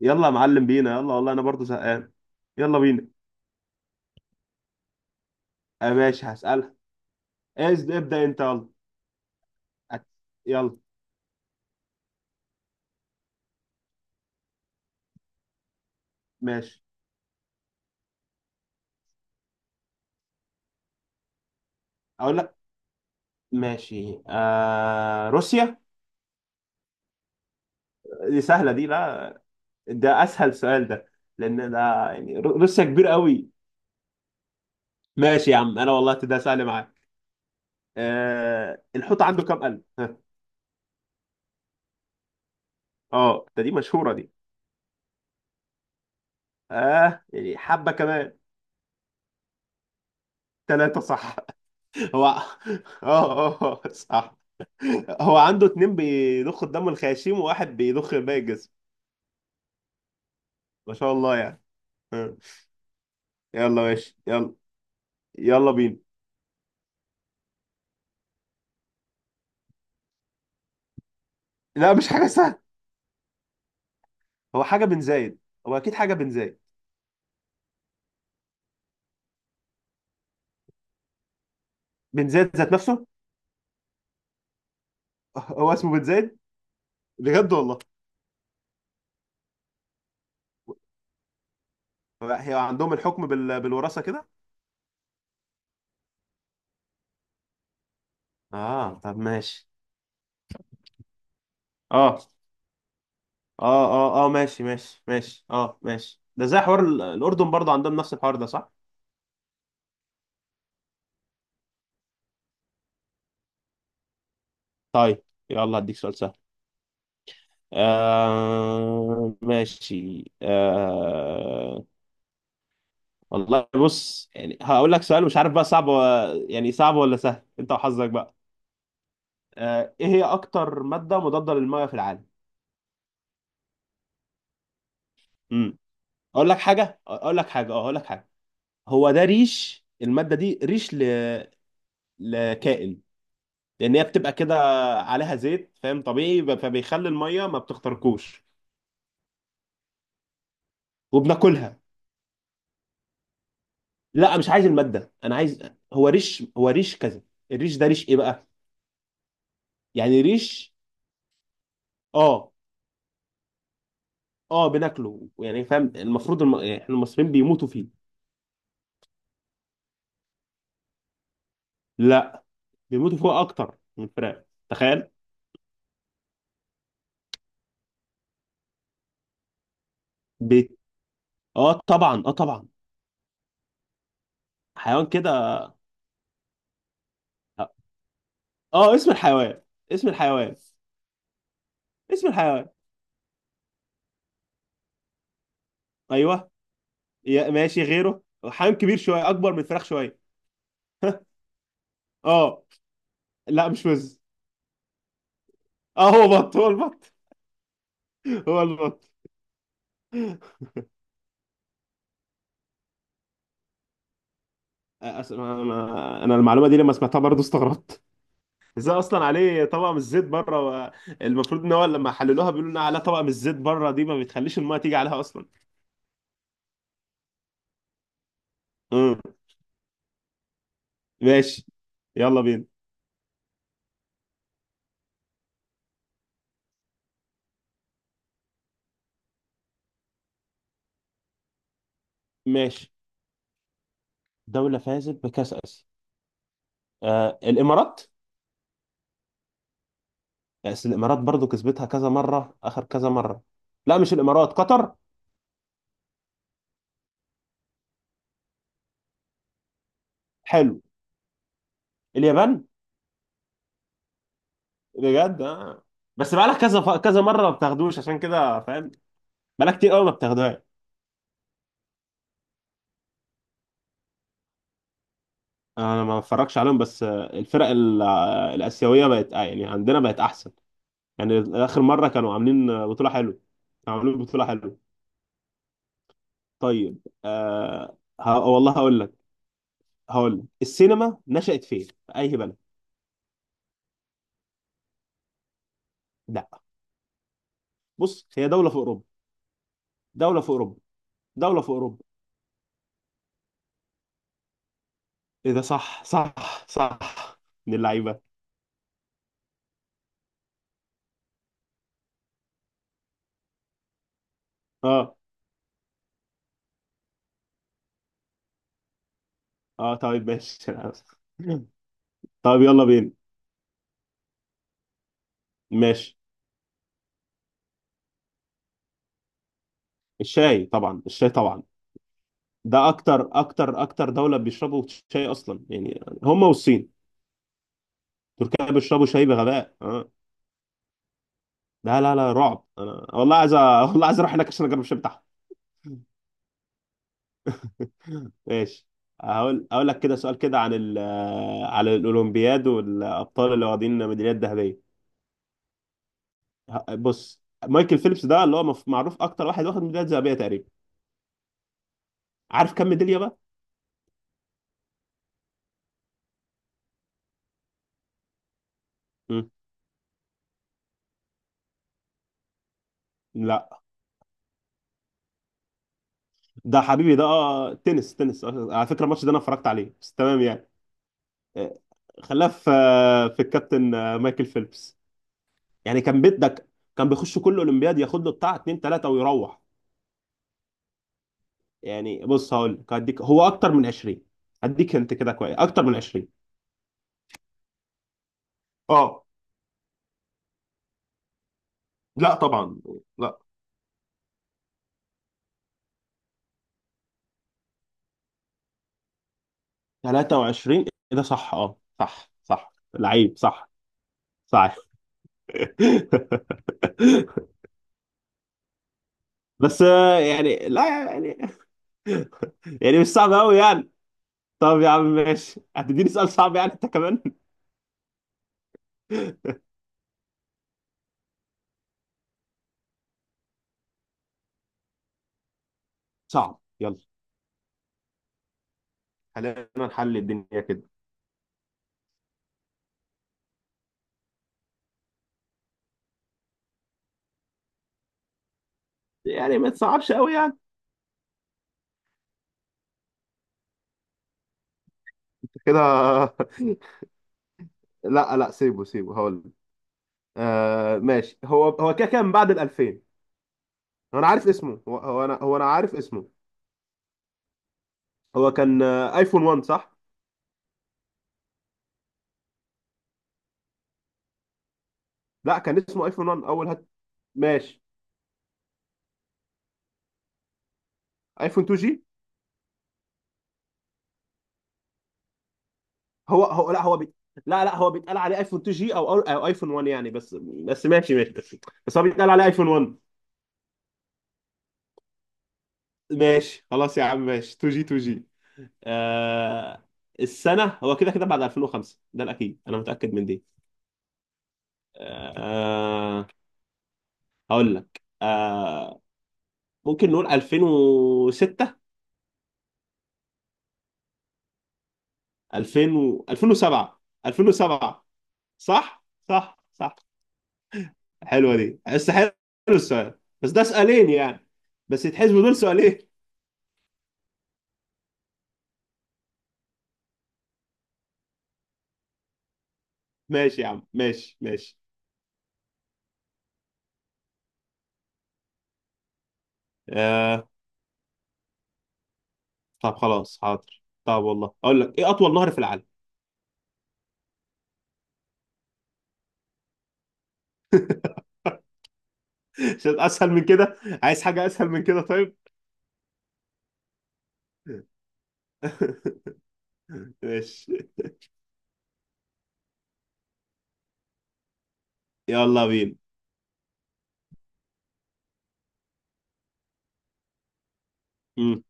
يلا يا معلم بينا يلا، والله انا برضو زهقان. يلا بينا. ماشي، هسألها. ابدأ انت يلا. أت- يلا ماشي. اقول لك ماشي، روسيا. دي سهلة دي، لا، ده اسهل سؤال ده، لان ده يعني روسيا كبير قوي. ماشي يا عم، انا والله ده سهل معاك. الحوت عنده كام قلب، ها؟ اه، ده دي مشهورة دي. اه يعني حبة كمان. ثلاثة، صح. هو اه، اه، صح. هو عنده اتنين بيضخوا الدم الخياشيم، وواحد بيضخ باقي الجسم. ما شاء الله يعني. آه. يلا ماشي، يلا، يلا بينا. لا، مش حاجة سهلة. هو حاجة بن زايد. هو أكيد حاجة بن زايد. بن زايد ذات نفسه. هو اسمه بن زايد، بجد والله. هي عندهم الحكم بالوراثة كده. اه، طب ماشي. اه، اه، اه، اه، ماشي، ماشي، ماشي، اه ماشي. ده زي حوار الأردن، برضه عندهم نفس الحوار ده، صح؟ طيب. يلا هديك سؤال سهل. ماشي، والله بص، يعني هقول لك سؤال، مش عارف بقى صعب يعني صعب ولا سهل، انت وحظك بقى. ايه هي اكتر مادة مضادة للمية في العالم؟ امم اقول لك حاجة اقول لك حاجة اه اقول لك حاجة هو ده ريش. المادة دي ريش لكائن، لان هي بتبقى كده عليها زيت، فاهم؟ طبيعي، فبيخلي المية ما بتخترقوش وبناكلها. لا، مش عايز المادة، انا عايز... هو ريش كذا. الريش ده ريش ايه بقى؟ يعني ريش. اه اه بناكله، يعني فاهم؟ المفروض يعني احنا المصريين بيموتوا فيه. لا، بيموتوا فيه اكتر من الفراخ، تخيل. بيت. اه طبعا. حيوان كده. اه. آه، اسم الحيوان، اسم الحيوان اسم الحيوان. ايوه. يا ماشي غيره. حيوان كبير شويه، اكبر من الفراخ شويه. اه. لا مش وز. اه، هو البط. هو البط. انا المعلومه دي لما سمعتها برضه استغربت، ازاي اصلا عليه طبقه من الزيت بره؟ المفروض ان هو لما حللوها بيقولوا انها عليها طبقه من الزيت بره، دي ما بتخليش المايه تيجي عليها اصلا. امم ماشي. يلا بينا. ماشي، دولة فازت بكأس آسيا. الإمارات. بس الإمارات برضو كسبتها كذا مرة، آخر كذا مرة. لا، مش الإمارات، قطر. حلو. اليابان. بجد. آه. بس بقالك كذا كذا مرة ما بتاخدوش، عشان كده فاهم. بقالك كتير قوي، ما بتاخدوهاش. انا ما بتفرجش عليهم بس، الفرق الاسيويه بقت، يعني عندنا بقت احسن. يعني اخر مره كانوا عاملين بطوله حلوه، كانوا عاملين بطوله حلوه. طيب. والله هقول لك السينما نشأت فين، في اي بلد؟ لا. بص، هي دوله في اوروبا، دوله في اوروبا دوله في اوروبا. ايه ده، صح، صح، صح. من اللعيبه. اه، اه، طيب ماشي. طيب يلا بينا. ماشي. الشاي طبعا، الشاي طبعا. ده اكتر دوله بيشربوا شاي اصلا، يعني هم والصين. تركيا بيشربوا شاي بغباء، اه. لا، لا، لا، رعب. انا والله عايز والله عايز اروح هناك عشان اجرب الشاي بتاعهم. ماشي. اقول لك كده سؤال، كده عن على الاولمبياد والابطال اللي واخدين ميداليات ذهبيه. بص، مايكل فيليبس ده اللي هو معروف اكتر واحد واخد ميداليات ذهبيه تقريبا. عارف كم ميداليه بقى؟ مم. لا، ده حبيبي ده، تنس. على فكره الماتش ده انا اتفرجت عليه، بس تمام يعني. آه، خلاه في الكابتن، مايكل فيليبس. يعني كان بيدك. كان بيخش كل اولمبياد، ياخد له بتاع اتنين تلاته ويروح. يعني بص، هقول لك، هديك، هو اكتر من 20. هديك انت كده كويس، اكتر من 20. اه، لا طبعا. لا. 23. إيه ده، صح، اه صح، صح، لعيب، صح. صح. بس آه، يعني لا. يعني. يعني مش صعب قوي يعني. طب يا عم ماشي، هتديني سؤال صعب يعني انت كمان. صعب، يلا. خلينا نحل الدنيا كده. يعني ما تصعبش قوي يعني. كده. لا، لا، سيبه. هقول لك. ماشي، هو كده كان بعد ال 2000. انا عارف اسمه، هو هو انا هو انا عارف اسمه. هو كان، ايفون 1، صح؟ لا، كان اسمه ايفون 1 اول ماشي. ايفون 2 جي. هو لا، هو لا، لا، هو بيتقال عليه ايفون 2 جي او ايفون 1 يعني، بس ماشي، بس. بس هو بيتقال عليه ايفون 1. ماشي خلاص يا عم، ماشي. 2 جي، 2 جي. آه... السنة هو كده بعد 2005، ده الأكيد، أنا متأكد من دي. آه... هقول لك ممكن نقول 2006. 2000 2007. 2007. صح، صح، صح. حلوه دي، بس حلو. السؤال بس ده سؤالين يعني، بس يتحسبوا دول سؤالين. ماشي يا عم، ماشي، ماشي. آه طب خلاص، حاضر. طب والله اقول لك، ايه اطول نهر في العالم؟ عشان اسهل من كده. عايز حاجه اسهل من كده، طيب. ماشي. يلا بينا. مم.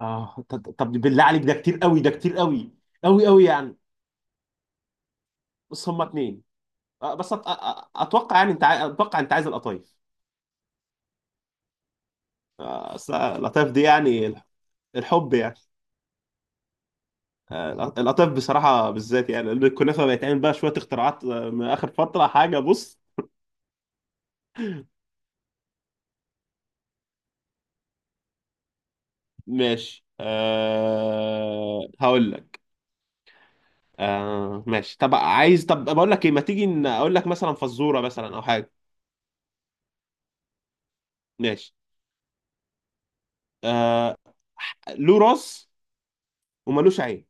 اه، طب بالله عليك، ده كتير قوي، ده كتير قوي، قوي، قوي يعني. بس هما اتنين. آه، بس أت... أ- أ- اتوقع، يعني انت اتوقع انت عايز القطايف. أصل القطايف دي يعني. الحب يعني. آه، القطايف بصراحة بالذات، يعني الكنافة بيتعمل بقى شوية اختراعات، من آخر فترة. حاجة بص، ماشي. هقول لك. ماشي. طب عايز، طب بقول لك ايه، ما تيجي اقول لك مثلا فزورة، مثلا او حاجة. ماشي. أه له راس وملوش عين.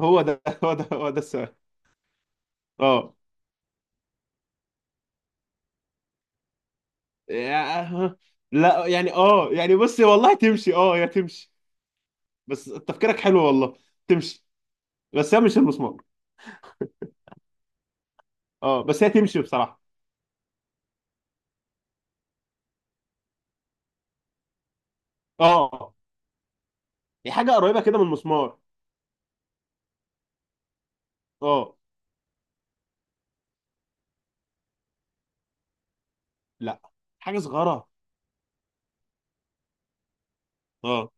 هو ده هو ده السؤال. اه، يا- لا يعني، اه يعني بص والله تمشي، اه، يا تمشي. بس تفكيرك حلو والله، تمشي. بس هي مش المسمار. اه بس هي تمشي بصراحة. اه، هي حاجه قريبه كده من المسمار. اه لا، حاجه صغيره. اه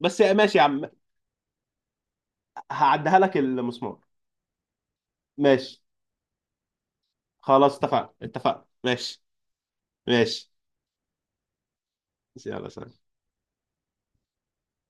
بس ماشي يا عم. هعديها لك، المسمار. ماشي خلاص، اتفقنا، اتفقنا، ماشي، ماشي. يلا سلام.